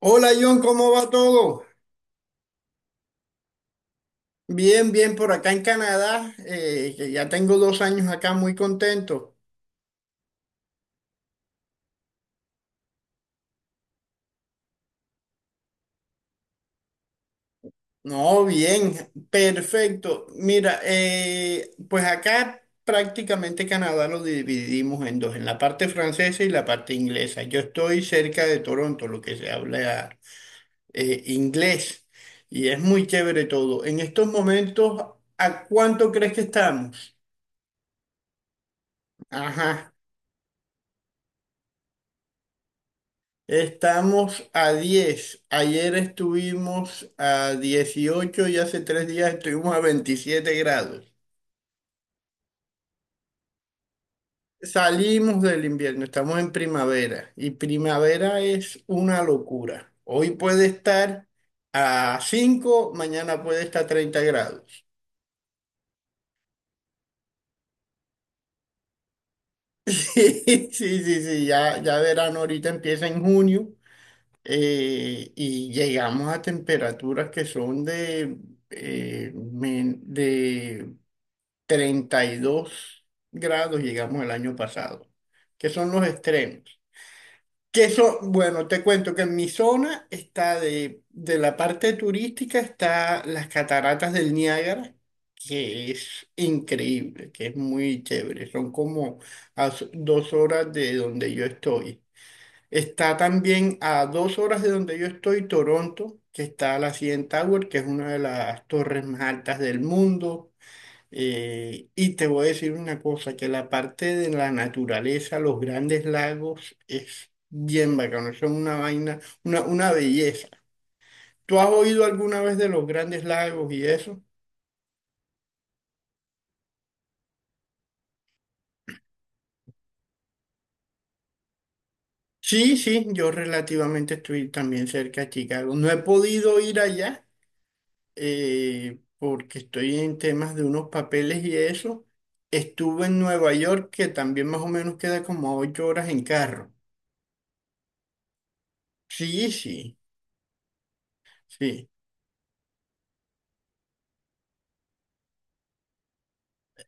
Hola John, ¿cómo va todo? Bien, bien, por acá en Canadá, que ya tengo 2 años acá, muy contento. No, bien, perfecto. Mira, pues acá prácticamente Canadá lo dividimos en 2, en la parte francesa y la parte inglesa. Yo estoy cerca de Toronto, lo que se habla inglés, y es muy chévere todo. En estos momentos, ¿a cuánto crees que estamos? Ajá. Estamos a 10. Ayer estuvimos a 18 y hace 3 días estuvimos a 27 grados. Salimos del invierno, estamos en primavera y primavera es una locura. Hoy puede estar a 5, mañana puede estar a 30 grados. Sí, sí, sí, sí, ya, ya, verano ahorita empieza en junio, y llegamos a temperaturas que son de 32 grados. Llegamos el año pasado, que son los extremos. Que son, bueno, te cuento que en mi zona está de la parte turística, está las cataratas del Niágara, que es increíble, que es muy chévere. Son como 2 horas de donde yo estoy. Está también a 2 horas de donde yo estoy, Toronto, que está la CN Tower, que es una de las torres más altas del mundo. Y te voy a decir una cosa, que la parte de la naturaleza, los grandes lagos, es bien bacano, son una vaina, una belleza. ¿Tú has oído alguna vez de los grandes lagos y eso? Sí, sí, yo relativamente estoy también cerca de Chicago. No he podido ir allá, porque estoy en temas de unos papeles y eso. Estuve en Nueva York, que también más o menos queda como a 8 horas en carro. Sí, sí, sí.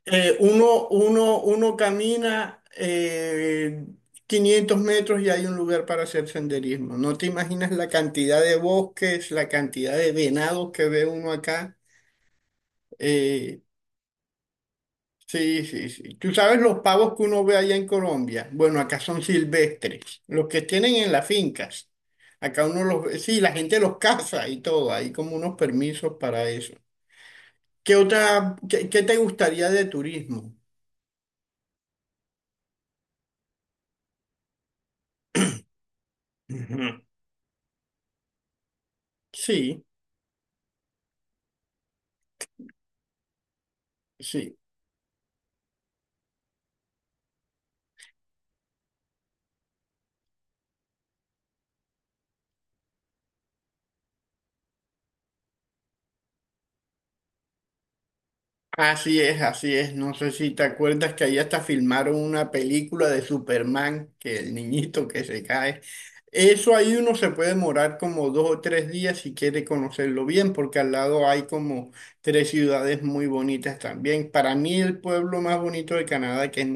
Uno camina 500 metros y hay un lugar para hacer senderismo. No te imaginas la cantidad de bosques, la cantidad de venados que ve uno acá. Eh, sí, sí, sí. Tú sabes los pavos que uno ve allá en Colombia. Bueno, acá son silvestres, los que tienen en las fincas. Acá uno los ve, sí, la gente los caza y todo. Hay como unos permisos para eso. ¿ Qué te gustaría de turismo? Ujú. Sí, sí. Así es, así es. No sé si te acuerdas que ahí hasta filmaron una película de Superman, que el niñito que se cae. Eso ahí uno se puede demorar como 2 o 3 días si quiere conocerlo bien, porque al lado hay como 3 ciudades muy bonitas también. Para mí el pueblo más bonito de Canadá,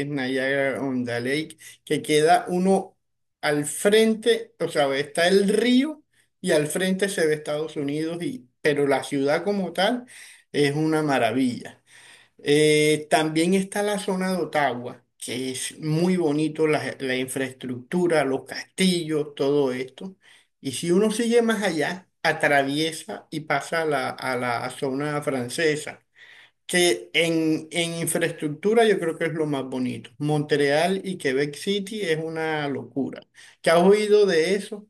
es Niagara-on-the-Lake, que queda uno al frente, o sea, está el río y al frente se ve Estados Unidos, y, pero la ciudad como tal. Es una maravilla. También está la zona de Ottawa, que es muy bonito, la infraestructura, los castillos, todo esto. Y si uno sigue más allá, atraviesa y pasa a la zona francesa, que en infraestructura yo creo que es lo más bonito. Montreal y Quebec City es una locura. ¿Qué has oído de eso?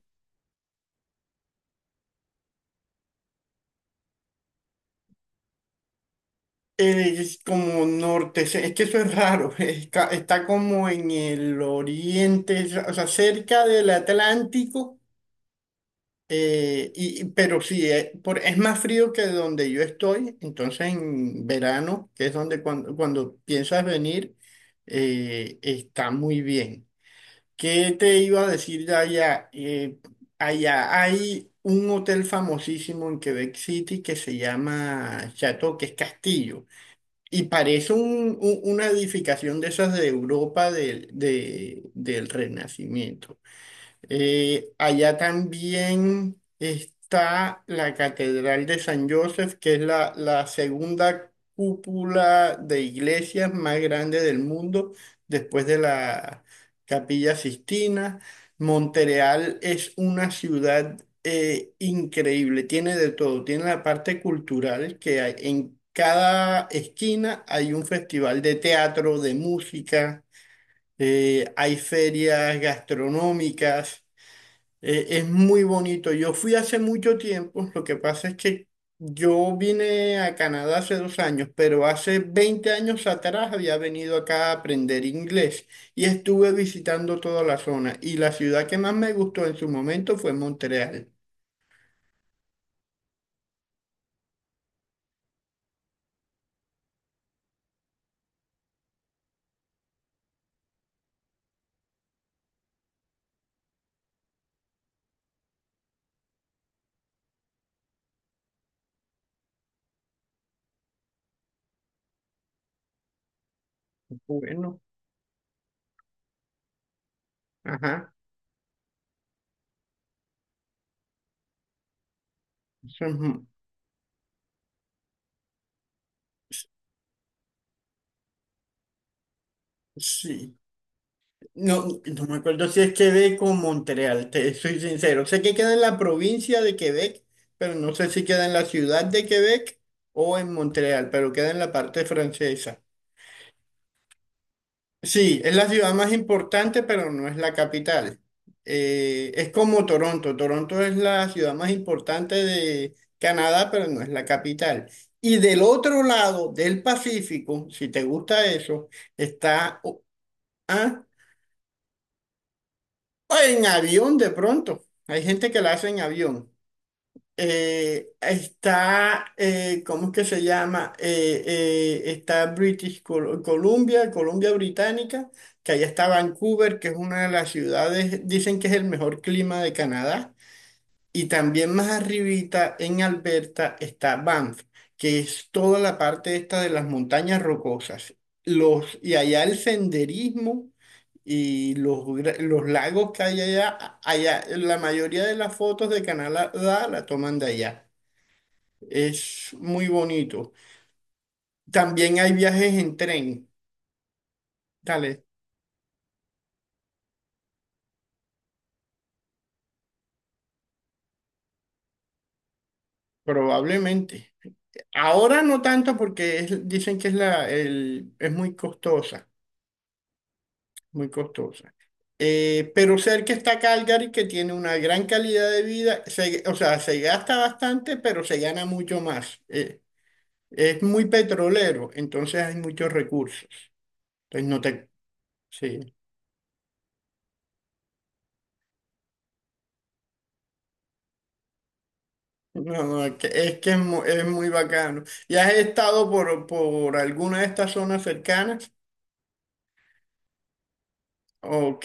Es como norte, es que eso es raro, es está como en el oriente, o sea, cerca del Atlántico, pero sí, es más frío que donde yo estoy, entonces en verano, que es donde cuando piensas venir, está muy bien. ¿Qué te iba a decir de allá? Allá hay un hotel famosísimo en Quebec City que se llama Chateau, que es castillo. Y parece una edificación de esas de Europa del Renacimiento. Allá también está la Catedral de San Joseph, que es la segunda cúpula de iglesias más grande del mundo, después de la Capilla Sistina. Montreal es una ciudad increíble, tiene de todo, tiene la parte cultural que hay. En cada esquina hay un festival de teatro, de música, hay ferias gastronómicas. Es muy bonito. Yo fui hace mucho tiempo. Lo que pasa es que yo vine a Canadá hace 2 años, pero hace 20 años atrás había venido acá a aprender inglés y estuve visitando toda la zona. Y la ciudad que más me gustó en su momento fue Montreal. Bueno, ajá. eso es mu- Sí. No, no me acuerdo si es Quebec o Montreal, te soy sincero. Sé que queda en la provincia de Quebec, pero no sé si queda en la ciudad de Quebec o en Montreal, pero queda en la parte francesa. Sí, es la ciudad más importante, pero no es la capital. Es como Toronto. Toronto es la ciudad más importante de Canadá, pero no es la capital. Y del otro lado del Pacífico, si te gusta eso, está... ¿Ah? O en avión de pronto. Hay gente que la hace en avión. ¿Cómo es que se llama? Está Columbia, Columbia Británica, que allá está Vancouver, que es una de las ciudades, dicen que es el mejor clima de Canadá. Y también más arribita en Alberta está Banff, que es toda la parte esta de las montañas rocosas. Y allá el senderismo y los lagos que hay allá, allá, la mayoría de las fotos de Canadá la toman de allá. Es muy bonito. También hay viajes en tren, dale, probablemente. Ahora no tanto porque dicen que es muy costosa, muy costosa. Pero cerca está Calgary, que tiene una gran calidad de vida. O sea, se gasta bastante, pero se gana mucho más. Es muy petrolero, entonces hay muchos recursos. Entonces no te... Sí. No, no, que es es muy bacano. ¿Ya has estado por alguna de estas zonas cercanas? Ok.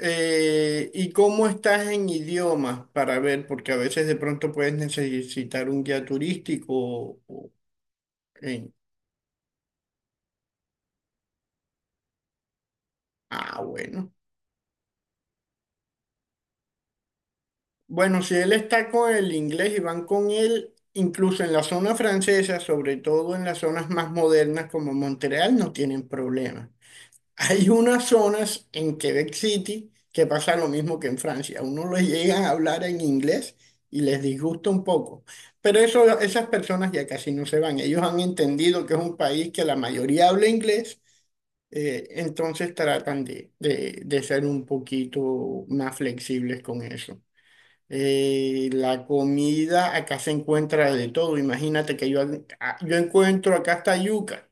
¿Y cómo estás en idiomas para ver? Porque a veces de pronto puedes necesitar un guía turístico en, Ah, bueno. Bueno, si él está con el inglés y van con él, incluso en la zona francesa, sobre todo en las zonas más modernas como Montreal, no tienen problema. Hay unas zonas en Quebec City que pasa lo mismo que en Francia. A uno les llegan a hablar en inglés y les disgusta un poco. Pero eso, esas personas ya casi no se van. Ellos han entendido que es un país que la mayoría habla inglés, entonces tratan de ser un poquito más flexibles con eso. La comida acá se encuentra de todo. Imagínate que yo encuentro acá hasta yuca.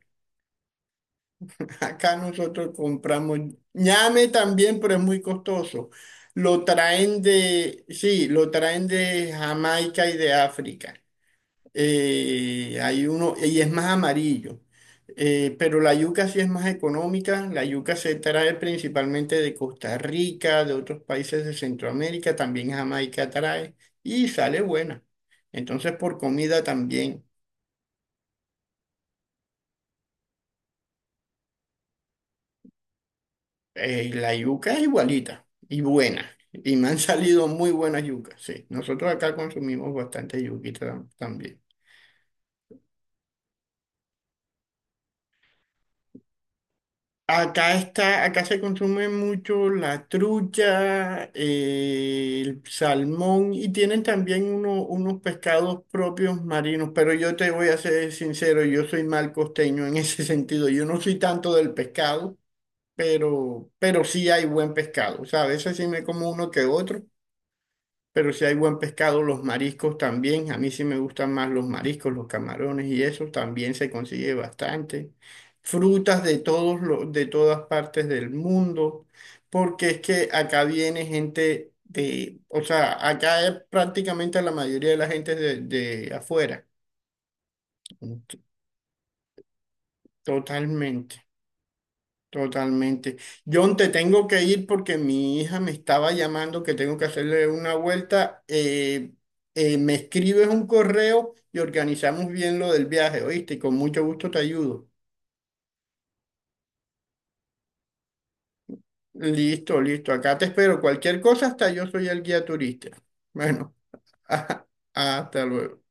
Acá nosotros compramos ñame también, pero es muy costoso. Lo traen de, sí, lo traen de Jamaica y de África. Hay uno, y es más amarillo. Pero la yuca sí es más económica. La yuca se trae principalmente de Costa Rica, de otros países de Centroamérica, también Jamaica trae y sale buena. Entonces, por comida también. La yuca es igualita y buena. Y me han salido muy buenas yucas, sí. Nosotros acá consumimos bastante yuquita también. Acá está, acá se consume mucho la trucha, el salmón y tienen también unos pescados propios marinos, pero yo te voy a ser sincero, yo soy mal costeño en ese sentido, yo no soy tanto del pescado, pero sí hay buen pescado, o sea. A veces sí me como uno que otro, pero si hay buen pescado, los mariscos también. A mí sí me gustan más los mariscos, los camarones y eso también se consigue bastante. Frutas de de todas partes del mundo, porque es que acá viene gente de, o sea, acá prácticamente la mayoría de la gente es de afuera. Totalmente. Totalmente. John, te tengo que ir porque mi hija me estaba llamando que tengo que hacerle una vuelta. Me escribes un correo y organizamos bien lo del viaje, ¿oíste? Y con mucho gusto te ayudo. Listo, listo. Acá te espero. Cualquier cosa, hasta yo soy el guía turista. Bueno, hasta luego.